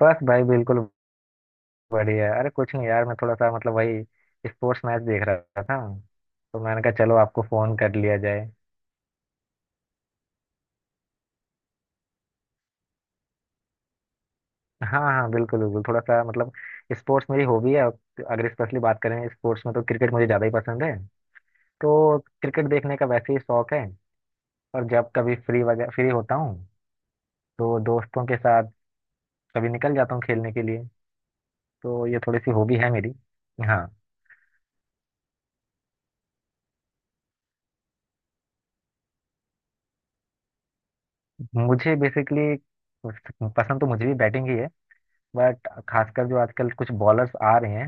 बस भाई बिल्कुल बढ़िया। अरे कुछ नहीं यार, मैं थोड़ा सा मतलब वही स्पोर्ट्स मैच देख रहा था, तो मैंने कहा चलो आपको फोन कर लिया जाए। हाँ हाँ बिल्कुल बिल्कुल, थोड़ा सा मतलब स्पोर्ट्स मेरी हॉबी है। और अगर स्पेशली बात करें स्पोर्ट्स में, तो क्रिकेट मुझे ज़्यादा ही पसंद है। तो क्रिकेट देखने का वैसे ही शौक है। और जब कभी फ्री वगैरह फ्री होता हूँ तो दोस्तों के साथ कभी निकल जाता हूँ खेलने के लिए। तो ये थोड़ी सी हॉबी है मेरी। हाँ, मुझे बेसिकली पसंद तो मुझे भी बैटिंग ही है, बट खासकर जो आजकल कुछ बॉलर्स आ रहे हैं।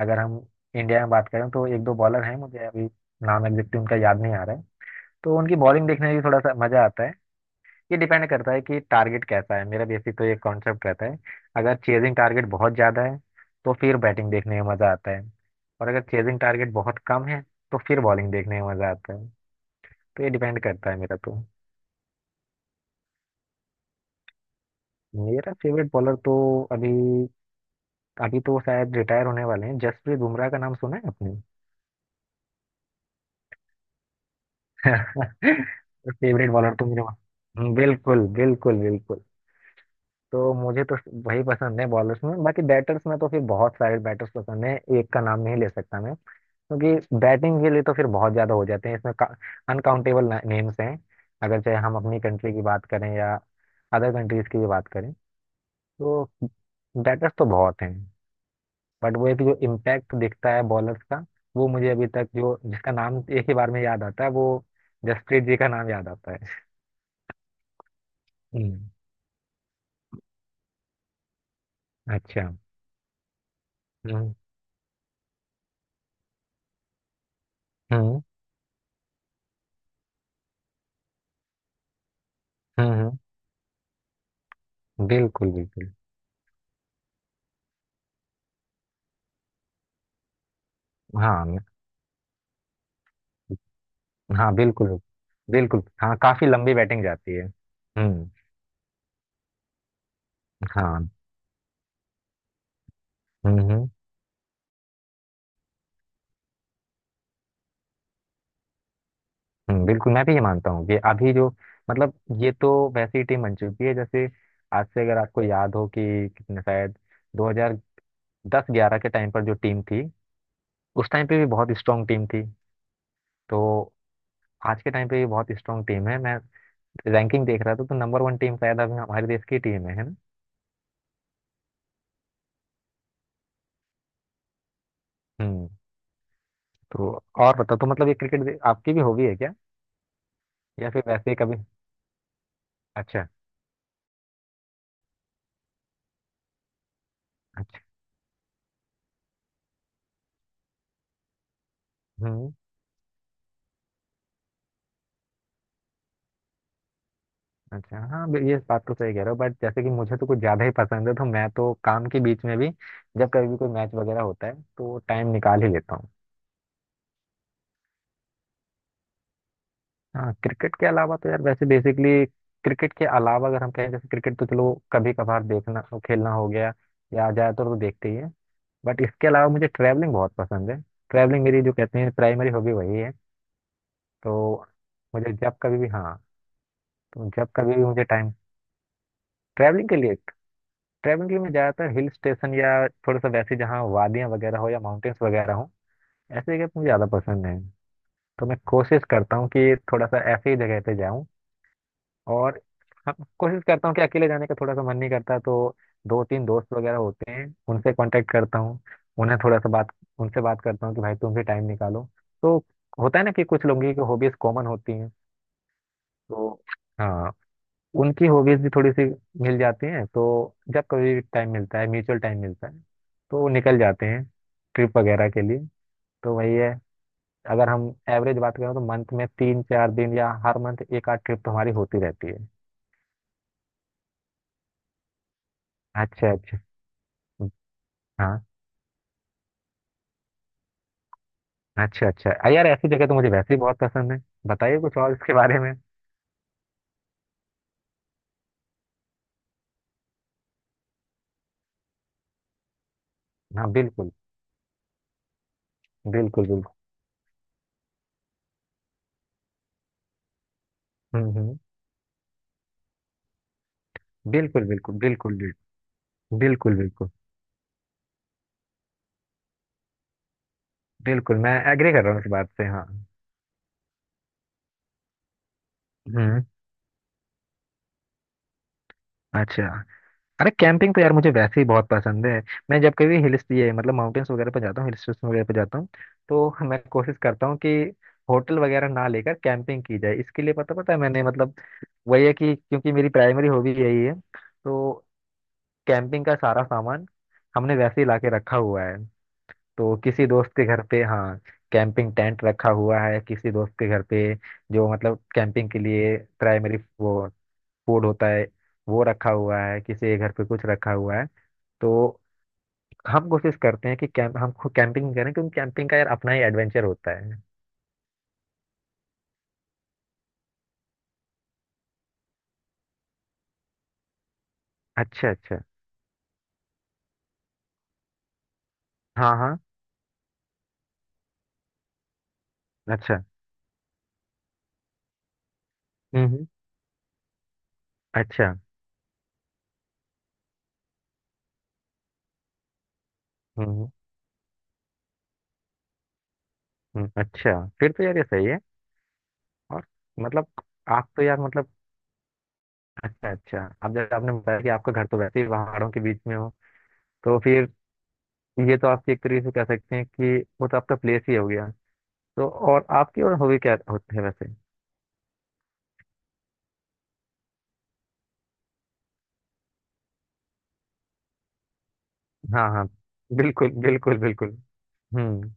अगर हम इंडिया में बात करें तो एक दो बॉलर हैं, मुझे अभी नाम एग्जैक्टली उनका याद नहीं आ रहा है। तो उनकी बॉलिंग देखने में भी थोड़ा सा मजा आता है। ये डिपेंड करता है कि टारगेट कैसा है, मेरा बेसिक तो ये कॉन्सेप्ट रहता है। अगर चेजिंग टारगेट बहुत ज़्यादा है तो फिर बैटिंग देखने में मज़ा आता है, और अगर चेजिंग टारगेट बहुत कम है तो फिर बॉलिंग देखने में मज़ा आता है। तो ये डिपेंड करता है मेरा तो। मेरा फेवरेट बॉलर तो अभी अभी तो शायद रिटायर होने वाले हैं, जसप्रीत बुमराह का नाम सुना है आपने? फेवरेट बॉलर तो मेरे पास- बिल्कुल बिल्कुल बिल्कुल। तो मुझे तो वही पसंद है बॉलर्स में। बाकी बैटर्स में तो फिर बहुत सारे बैटर्स पसंद है, एक का नाम नहीं ले सकता मैं, क्योंकि बैटिंग के लिए तो फिर बहुत ज्यादा हो जाते हैं इसमें। अनकाउंटेबल नेम्स हैं, अगर चाहे हम अपनी कंट्री की बात करें या अदर कंट्रीज की भी बात करें, तो बैटर्स तो बहुत हैं। बट वो एक जो इम्पैक्ट दिखता है बॉलर्स का, वो मुझे अभी तक जो जिसका नाम एक ही बार में याद आता है, वो जसप्रीत जी का नाम याद आता है। हम्म। अच्छा। हम्म हम्म। हम्म हम्म, बिल्कुल बिल्कुल। हाँ न- हाँ बिल्कुल बिल्कुल। हाँ काफी लंबी बैटिंग जाती है। हाँ। हम्म। बिल्कुल मैं भी ये मानता हूँ कि अभी जो मतलब ये तो वैसी टीम बन चुकी है जैसे आज से अगर आपको याद हो कि कितने शायद 2010-11 के टाइम पर जो टीम थी, उस टाइम पे भी बहुत स्ट्रांग टीम थी। तो आज के टाइम पे भी बहुत स्ट्रांग टीम है। मैं रैंकिंग देख रहा था तो नंबर वन टीम शायद अभी हमारे देश की टीम है ना? हम्म, तो और बताओ, तो मतलब ये क्रिकेट आपकी भी हॉबी है क्या या फिर वैसे ही कभी। अच्छा अच्छा। हम्म। अच्छा हाँ ये बात तो सही कह रहे हो। बट जैसे कि मुझे तो कुछ ज्यादा ही पसंद है तो मैं तो काम के बीच में भी जब कभी भी कोई मैच वगैरह होता है तो टाइम निकाल ही लेता हूँ। हाँ क्रिकेट के अलावा तो यार वैसे बेसिकली क्रिकेट के अलावा अगर हम कहें, जैसे क्रिकेट तो चलो कभी कभार देखना खेलना हो गया, या ज्यादातर तो देखते ही है। बट इसके अलावा मुझे ट्रैवलिंग बहुत पसंद है। ट्रैवलिंग मेरी जो कहते हैं प्राइमरी हॉबी वही है। तो मुझे जब कभी भी हाँ, तो जब कभी भी मुझे टाइम ट्रैवलिंग के लिए, ट्रैवलिंग के लिए मैं ज़्यादातर हिल स्टेशन या थोड़ा सा वैसे जहाँ वादियाँ वगैरह हो या माउंटेन्स वगैरह हो, ऐसे जगह मुझे ज़्यादा पसंद है। तो मैं कोशिश करता हूँ कि थोड़ा सा ऐसे ही जगह पे जाऊँ। और हम कोशिश करता हूँ कि अकेले जाने का थोड़ा सा मन नहीं करता, तो दो तीन दोस्त वगैरह होते हैं उनसे कांटेक्ट करता हूँ, उन्हें थोड़ा सा बात उनसे बात करता हूँ कि भाई तुम भी टाइम निकालो। तो होता है ना कि कुछ लोगों की हॉबीज कॉमन होती हैं। तो हाँ उनकी हॉबीज भी थोड़ी सी मिल जाती हैं, तो जब कभी टाइम मिलता है, म्यूचुअल टाइम मिलता है, तो वो निकल जाते हैं ट्रिप वगैरह के लिए। तो वही है, अगर हम एवरेज बात करें तो मंथ में तीन चार दिन या हर मंथ एक आध ट्रिप तो हमारी होती रहती है। अच्छा अच्छा। हम्म, हाँ। अच्छा अच्छा। यार ऐसी जगह तो मुझे वैसे ही बहुत पसंद है। बताइए कुछ और इसके बारे में। हाँ बिल्कुल। बिल्कुल बिल्कुल। हम्म। बिल्कुल बिल्कुल बिल्कुल बिल्कुल। बिल्कुल बिल्कुल। बिल्कुल मैं एग्री कर रहा हूँ इस बात से। हाँ। हम्म। अच्छा। अरे कैंपिंग तो यार मुझे वैसे ही बहुत पसंद है। मैं जब कभी हिल ये मतलब माउंटेन्स वगैरह पर जाता हूँ, हिल स्टेशन वगैरह पर जाता हूँ, तो मैं कोशिश करता हूँ कि होटल वगैरह ना लेकर कैंपिंग की जाए। इसके लिए पता पता है मैंने मतलब वही है कि क्योंकि मेरी प्राइमरी हॉबी यही है। तो कैंपिंग का सारा सामान हमने वैसे ही ला के रखा हुआ है। तो किसी दोस्त के घर पे हाँ कैंपिंग टेंट रखा हुआ है किसी दोस्त के घर पे, जो मतलब कैंपिंग के लिए प्राइमरी वो फूड होता है वो रखा हुआ है किसी के घर पे, कुछ रखा हुआ है। तो हम कोशिश करते हैं कि कैंप हम खुद कैंपिंग करें, क्योंकि कैंपिंग का यार अपना ही एडवेंचर होता है। अच्छा अच्छा। हाँ हाँ। अच्छा। हम्म हम्म, अच्छा। हम्म अच्छा फिर तो यार ये सही है। और मतलब आप तो यार मतलब अच्छा अच्छा, अब जैसे आपने बताया कि आपका घर तो वैसे ही पहाड़ों के बीच में हो, तो फिर ये तो आप एक तरीके से कह सकते हैं कि वो तो आपका प्लेस ही हो गया। तो और आपकी और हॉबी क्या होती है वैसे? हाँ हाँ। बिल्कुल बिल्कुल बिल्कुल। हम्म।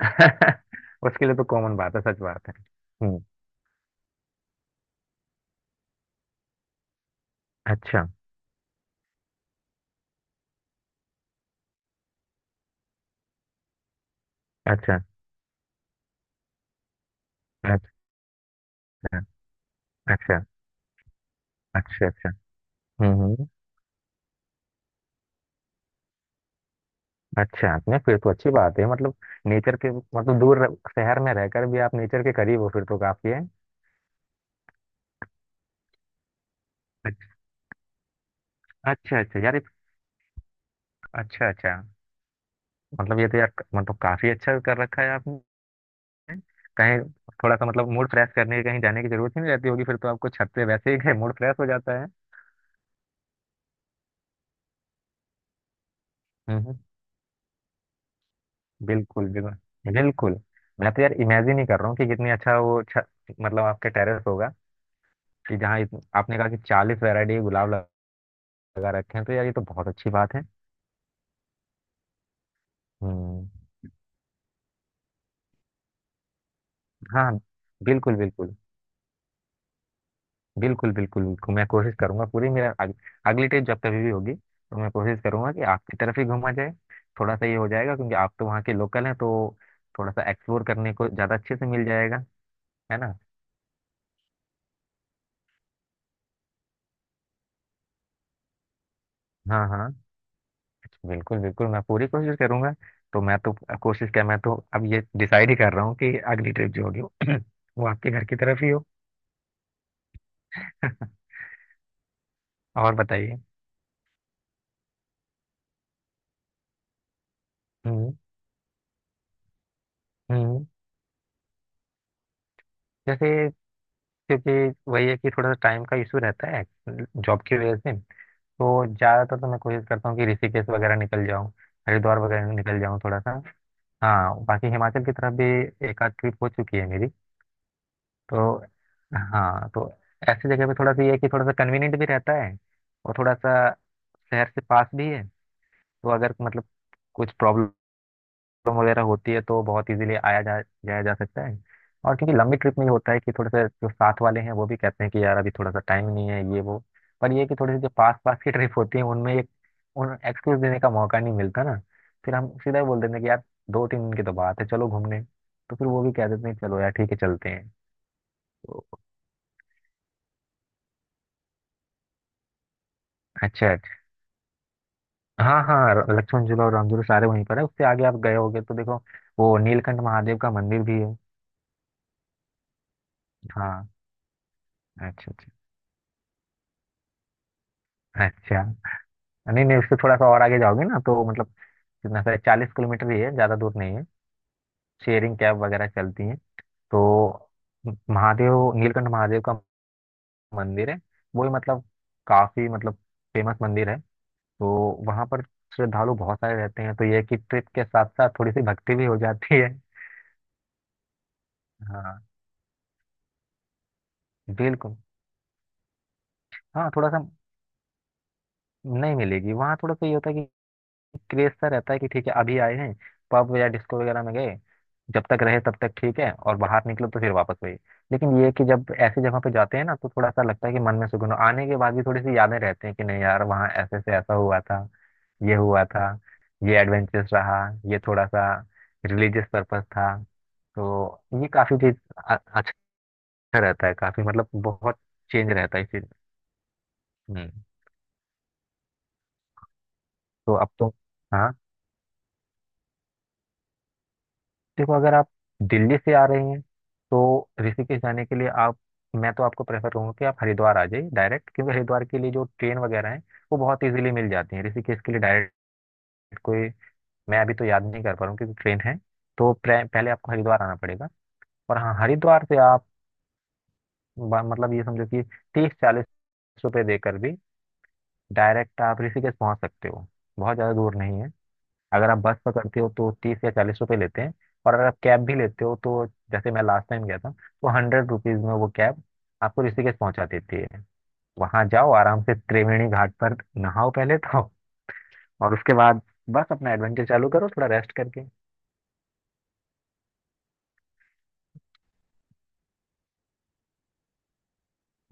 उसके लिए तो कॉमन बात है, सच बात है। हम्म। अच्छा अच्छा अच्छा। अच्छा अच्छा अच्छा। हम्म हम्म, अच्छा आपने फिर तो अच्छी बात है। मतलब नेचर के मतलब शहर में रहकर भी आप नेचर के करीब हो फिर तो काफी है। अच्छा अच्छा। अच्छा यार ये- अच्छा अच्छा। मतलब ये तो यार मतलब काफी अच्छा कर रखा है आपने। कहीं थोड़ा सा मतलब मूड फ्रेश करने के कहीं जाने की जरूरत ही नहीं रहती होगी फिर तो आपको। छत पे वैसे ही मूड फ्रेश हो जाता है। हम्म, बिल्कुल बिल्कुल बिल्कुल। मैं तो यार इमेजिन ही कर रहा हूँ कि कितनी अच्छा वो मतलब आपके टेरेस होगा, कि जहाँ आपने कहा कि 40 वैरायटी के गुलाब लगा रखे हैं, तो यार ये तो बहुत अच्छी बात है। हम्म। हाँ बिल्कुल बिल्कुल। बिल्कुल बिल्कुल बिल्कुल। मैं कोशिश करूंगा पूरी मेरा अगली ट्रिप जब कभी भी होगी तो मैं कोशिश करूंगा कि आपकी तरफ ही घूमा जाए। थोड़ा सा ये हो जाएगा क्योंकि आप तो वहाँ के लोकल हैं, तो थोड़ा सा एक्सप्लोर करने को ज़्यादा अच्छे से मिल जाएगा, है ना? हाँ हाँ। बिल्कुल बिल्कुल, मैं पूरी कोशिश करूंगा। तो मैं तो कोशिश क्या, मैं तो अब ये डिसाइड ही कर रहा हूँ कि अगली ट्रिप जो होगी वो आपके घर की तरफ ही हो। और बताइए। हम्म हम्म। जैसे क्योंकि वही है कि थोड़ा सा टाइम का इशू रहता है जॉब की वजह से, तो ज़्यादातर तो मैं कोशिश करता हूँ कि ऋषिकेश वगैरह निकल जाऊँ, हरिद्वार वगैरह निकल जाऊँ थोड़ा सा। हाँ बाकी हिमाचल की तरफ भी एक आध ट्रिप हो चुकी है मेरी। तो हाँ तो ऐसी जगह पे थोड़ा सा ये है कि थोड़ा सा कन्वीनियंट भी रहता है, और थोड़ा सा शहर से पास भी है। तो अगर मतलब कुछ प्रॉब्लम वगैरह होती है तो बहुत इजीली आया जा जाया जा सकता है। और क्योंकि लंबी ट्रिप में ये होता है कि थोड़े से जो साथ वाले हैं वो भी कहते हैं कि यार अभी थोड़ा सा टाइम नहीं है ये वो। पर ये है कि थोड़ी सी जो पास पास की ट्रिप होती है उनमें एक उन एक्सक्यूज देने का मौका नहीं मिलता ना। फिर हम सीधा ही बोल देते हैं कि यार दो तीन दिन की तो बात है, चलो घूमने। तो फिर वो भी कह देते हैं चलो यार ठीक है चलते हैं। तो अच्छा अच्छा। हाँ हाँ लक्ष्मण झूला और राम झूला सारे वहीं पर है। उससे आगे आप गए होगे तो देखो, वो नीलकंठ महादेव का मंदिर भी है। हाँ अच्छा अच्छा अच्छा। नहीं नहीं, उससे थोड़ा सा और आगे जाओगे ना तो मतलब कितना सा 40 किलोमीटर ही है, ज़्यादा दूर नहीं है। शेयरिंग कैब वगैरह चलती हैं, तो महादेव नीलकंठ महादेव का मंदिर है, वो ही मतलब काफ़ी मतलब फेमस मंदिर है। तो वहाँ पर श्रद्धालु बहुत सारे रहते हैं, तो ये है कि ट्रिप के साथ साथ थोड़ी सी भक्ति भी हो जाती है। हाँ बिल्कुल। हाँ थोड़ा सा नहीं मिलेगी वहाँ। थोड़ा सा ये होता है क्रेज सा रहता है कि ठीक है अभी आए हैं, पब या डिस्को वगैरह में गए, जब तक रहे तब तक ठीक है, और बाहर निकलो तो फिर वापस वही। लेकिन ये है कि जब ऐसी जगह पे जाते हैं ना, तो थोड़ा सा लगता है कि मन में सुकून हो। आने के बाद भी थोड़ी सी यादें रहती हैं कि नहीं यार वहाँ ऐसे से ऐसा हुआ था, ये हुआ था, ये एडवेंचरस रहा, ये थोड़ा सा रिलीजियस पर्पस था। तो ये काफी चीज अच्छा रहता है, काफी मतलब बहुत चेंज रहता है इस चीज। हम्म। तो अब तो हाँ देखो अगर आप दिल्ली से आ रहे हैं तो ऋषिकेश जाने के लिए आप मैं तो आपको प्रेफर करूंगा कि आप हरिद्वार आ जाइए डायरेक्ट, क्योंकि हरिद्वार के लिए जो ट्रेन वगैरह है वो बहुत इजीली मिल जाती है। ऋषिकेश के लिए डायरेक्ट कोई मैं अभी तो याद नहीं कर पा रहा हूँ क्योंकि ट्रेन है, तो पहले आपको हरिद्वार आना पड़ेगा, और हाँ हरिद्वार से आप मतलब ये समझो कि 30-40 रुपये देकर भी डायरेक्ट आप ऋषिकेश पहुँच सकते हो, बहुत ज़्यादा दूर नहीं है। अगर आप बस पकड़ते हो तो 30 या 40 रुपए लेते हैं, और अगर आप कैब भी लेते हो तो जैसे मैं लास्ट टाइम गया था तो 100 रुपीज में वो कैब आपको ऋषिकेश पहुंचा देती है। वहां जाओ आराम से त्रिवेणी घाट पर नहाओ पहले तो, और उसके बाद बस अपना एडवेंचर चालू करो थोड़ा रेस्ट करके।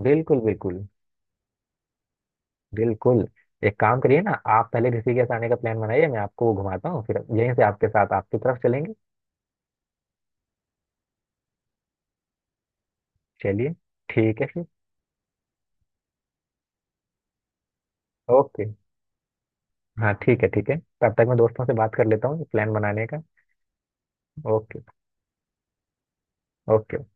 बिल्कुल बिल्कुल बिल्कुल। एक काम करिए ना, आप पहले ऋषिकेश आने का प्लान बनाइए, मैं आपको घुमाता हूँ, फिर यहीं से आपके साथ आपकी तरफ चलेंगे। चलिए ठीक है फिर। ओके। हाँ ठीक है ठीक है। तब तक मैं दोस्तों से बात कर लेता हूँ प्लान बनाने का। ओके। ओके।